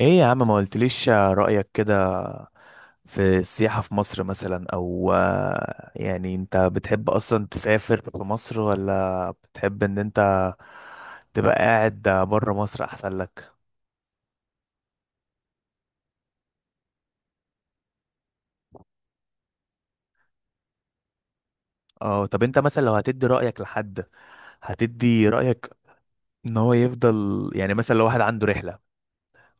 ايه يا عم، ما قلتليش رأيك كده في السياحة في مصر مثلا، او يعني انت بتحب اصلا تسافر في مصر، ولا بتحب ان انت تبقى قاعد بره مصر احسن لك؟ اه، طب انت مثلا لو هتدي رأيك لحد، هتدي رأيك ان هو يفضل، يعني مثلا لو واحد عنده رحلة،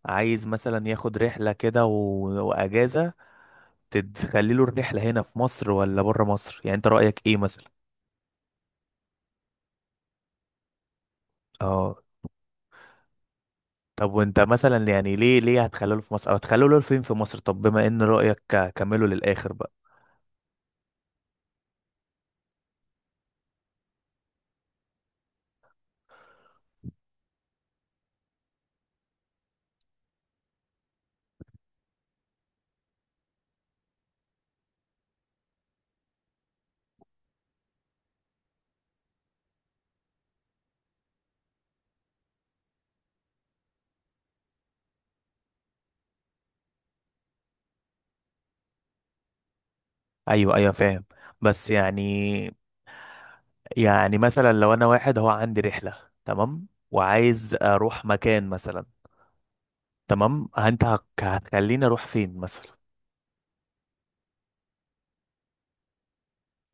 عايز مثلا ياخد رحلة كده واجازة، تخلي له الرحلة هنا في مصر ولا بره مصر؟ يعني انت رأيك ايه مثلا؟ اه، طب وانت مثلا، يعني ليه هتخلوه في مصر، او هتخلوه فين في مصر؟ طب بما ان رأيك، كمله للآخر بقى. ايوه ايوه، فاهم. بس يعني مثلا لو انا واحد هو عندي رحلة، تمام، وعايز اروح مكان مثلا، تمام، انت هتخليني اروح فين مثلا؟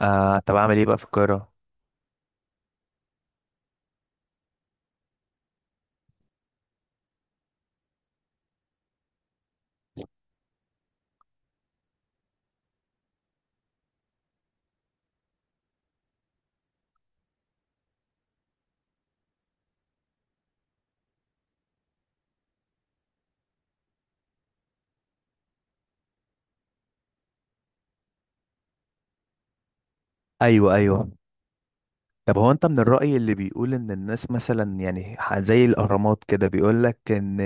آه، طب اعمل ايه بقى في القاهرة؟ ايوه ايوه. طب هو انت من الرأي اللي بيقول ان الناس مثلا، يعني زي الاهرامات كده، بيقول لك ان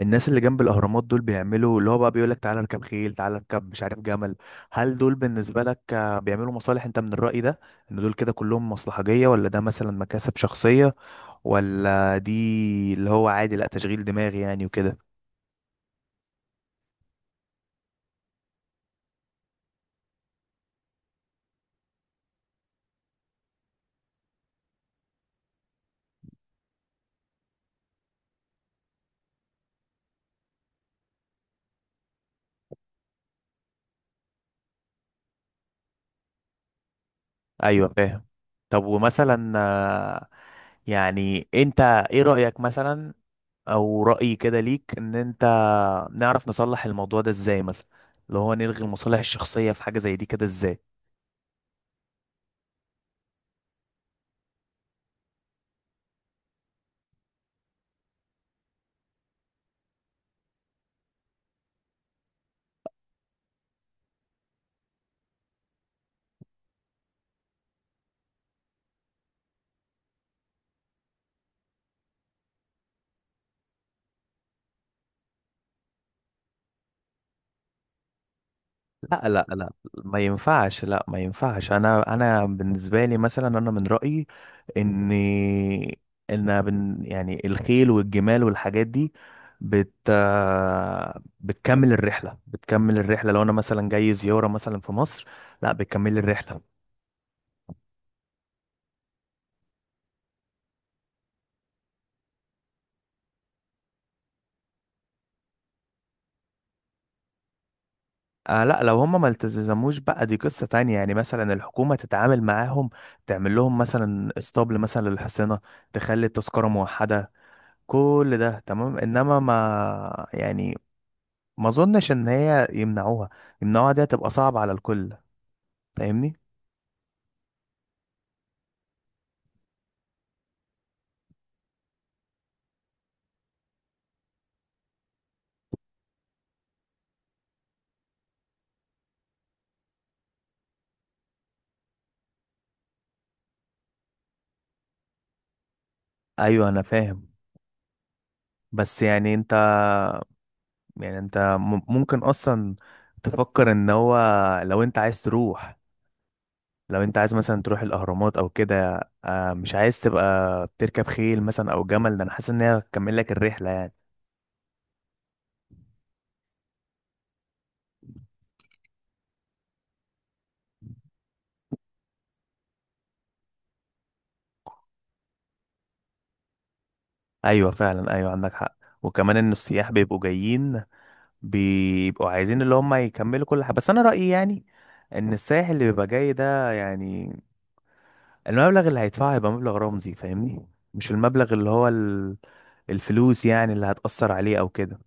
الناس اللي جنب الاهرامات دول بيعملوا اللي هو بقى بيقول لك تعالى اركب خيل، تعالى اركب مش عارف جمل. هل دول بالنسبة لك بيعملوا مصالح؟ انت من الرأي ده ان دول كده كلهم مصلحجية، ولا ده مثلا مكاسب شخصية، ولا دي اللي هو عادي، لا تشغيل دماغي يعني وكده؟ ايوه فاهم. طب ومثلا يعني انت ايه رأيك مثلا، او رأي كده ليك، ان انت نعرف نصلح الموضوع ده ازاي مثلا؟ لو هو نلغي المصالح الشخصية في حاجة زي دي كده ازاي؟ لا لا لا، ما ينفعش. لا ما ينفعش. انا بالنسبة لي مثلا، انا من رأيي ان ان يعني الخيل والجمال والحاجات دي بت بتكمل الرحلة. بتكمل الرحلة لو انا مثلا جاي زيارة مثلا في مصر، لا، بتكمل الرحلة. آه لا، لو هم ما التزموش بقى، دي قصة تانية. يعني مثلا الحكومة تتعامل معاهم، تعمل لهم مثلا اسطبل مثلا للحصينة، تخلي التذكرة موحدة، كل ده تمام. انما ما يعني، ما اظنش ان هي يمنعوها. يمنعوها دي هتبقى صعبة على الكل، فاهمني؟ ايوه انا فاهم. بس يعني انت ممكن اصلا تفكر ان هو لو انت عايز تروح، لو انت عايز مثلا تروح الاهرامات او كده، مش عايز تبقى بتركب خيل مثلا او جمل؟ ده انا حاسس ان هي هتكمل لك الرحله يعني. ايوه فعلا، ايوه عندك حق. وكمان ان السياح بيبقوا جايين، بيبقوا عايزين اللي هم يكملوا كل حاجه. بس انا رايي يعني، ان السائح اللي بيبقى جاي ده يعني المبلغ اللي هيدفعه هيبقى مبلغ رمزي، فاهمني؟ مش المبلغ اللي هو الفلوس يعني اللي هتأثر عليه او كده.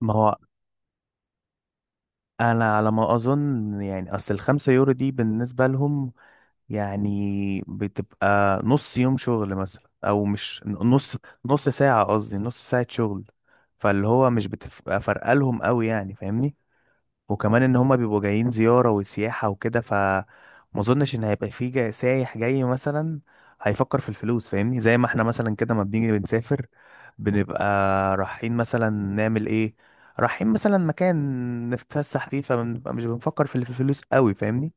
ما هو انا على ما اظن، يعني اصل الـ5 يورو دي بالنسبة لهم يعني بتبقى نص يوم شغل مثلا، او مش نص، نص ساعة قصدي، نص ساعة شغل. فاللي هو مش بتبقى فارقة لهم قوي، يعني فاهمني؟ وكمان ان هما بيبقوا جايين زيارة وسياحة وكده، فما اظنش ان هيبقى في سايح جاي مثلا هيفكر في الفلوس، فاهمني؟ زي ما احنا مثلا كده، ما بنيجي بنسافر، بنبقى رايحين مثلا نعمل ايه، رايحين مثلا مكان نتفسح فيه، فبنبقى مش بنفكر في الفلوس قوي، فاهمني؟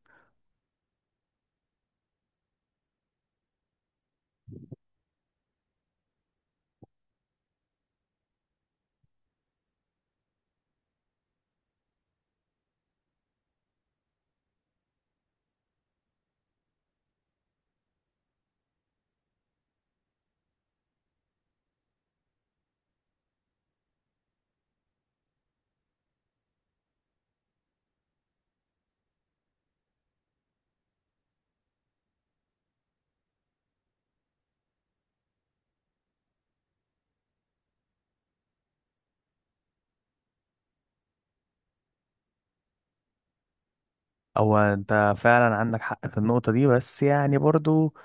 هو انت فعلا عندك حق في النقطة دي، بس يعني برضو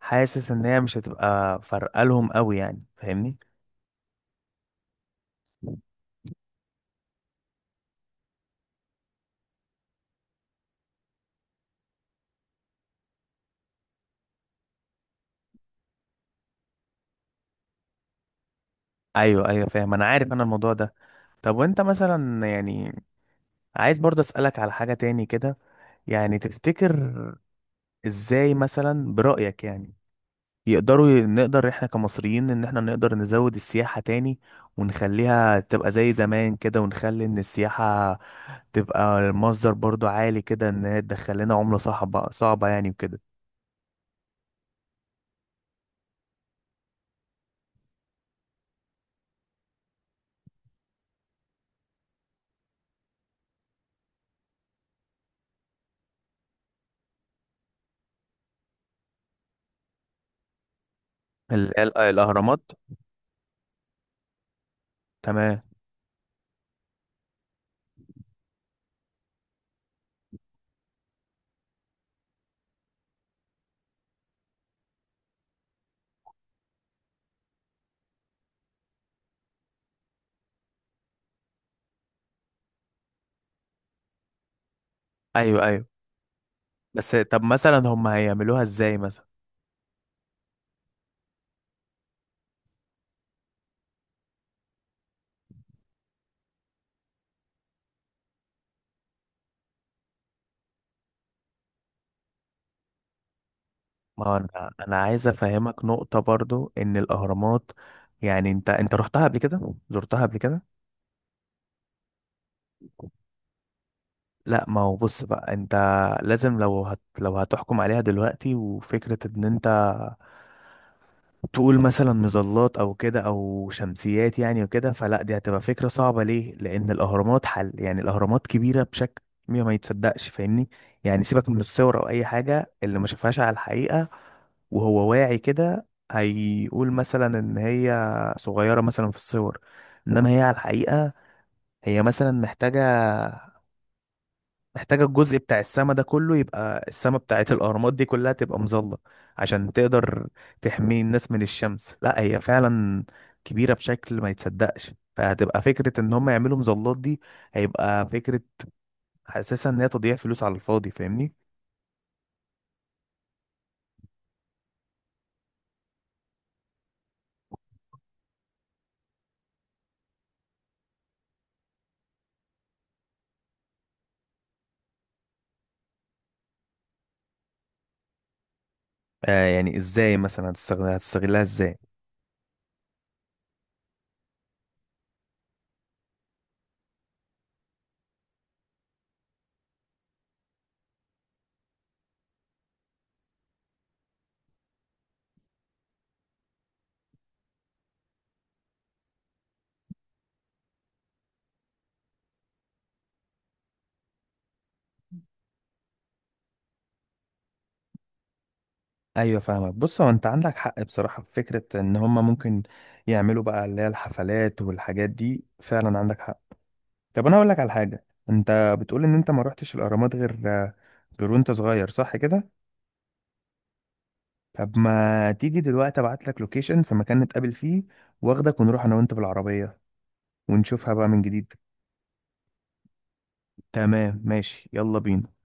حاسس ان هي مش هتبقى فرقة لهم قوي، يعني فاهمني؟ ايوه ايوه فاهم. انا عارف انا الموضوع ده. طب وانت مثلا يعني، عايز برضه اسألك على حاجة تاني كده، يعني تفتكر ازاي مثلا برأيك يعني، نقدر احنا كمصريين ان احنا نقدر نزود السياحة تاني، ونخليها تبقى زي زمان كده؟ ونخلي ان السياحة تبقى مصدر برضو عالي كده، ان هي تدخل لنا عملة صعبة، صعبة يعني وكده. الاهرامات. تمام. ايوه ايوه. بس طب مثلا هم هيعملوها ازاي مثلا؟ ما هو انا عايز افهمك نقطة برضو ان الاهرامات، يعني انت رحتها قبل كده، زرتها قبل كده؟ لا ما هو بص بقى، انت لازم، لو هتحكم عليها دلوقتي، وفكرة ان انت تقول مثلا مظلات او كده او شمسيات يعني وكده، فلا، دي هتبقى فكرة صعبة. ليه؟ لان الاهرامات حل، يعني الاهرامات كبيرة بشكل ما يتصدقش، فاهمني؟ يعني سيبك من الصور او اي حاجة. اللي ما شافهاش على الحقيقة وهو واعي كده، هيقول مثلا ان هي صغيرة مثلا في الصور، انما هي على الحقيقة، هي مثلا محتاجة، محتاجة الجزء بتاع السما ده كله يبقى، السما بتاعت الأهرامات دي كلها تبقى مظلة عشان تقدر تحمي الناس من الشمس. لا هي فعلا كبيرة بشكل ما يتصدقش، فهتبقى فكرة إن هم يعملوا مظلات دي، هيبقى فكرة حاسسها إن هي تضييع فلوس على الفاضي، فاهمني؟ آه، يعني إزاي مثلا هتستغلها إزاي؟ أيوة فاهمك. بص هو أنت عندك حق بصراحة في فكرة إن هم ممكن يعملوا بقى اللي هي الحفلات والحاجات دي، فعلا عندك حق. طب انا اقول لك على حاجه. انت بتقول ان انت ما رحتش الاهرامات غير وانت صغير، صح كده؟ طب ما تيجي دلوقتي، ابعت لك لوكيشن في مكان نتقابل فيه، واخدك ونروح انا وانت بالعربيه، ونشوفها بقى من جديد. تمام ماشي، يلا بينا.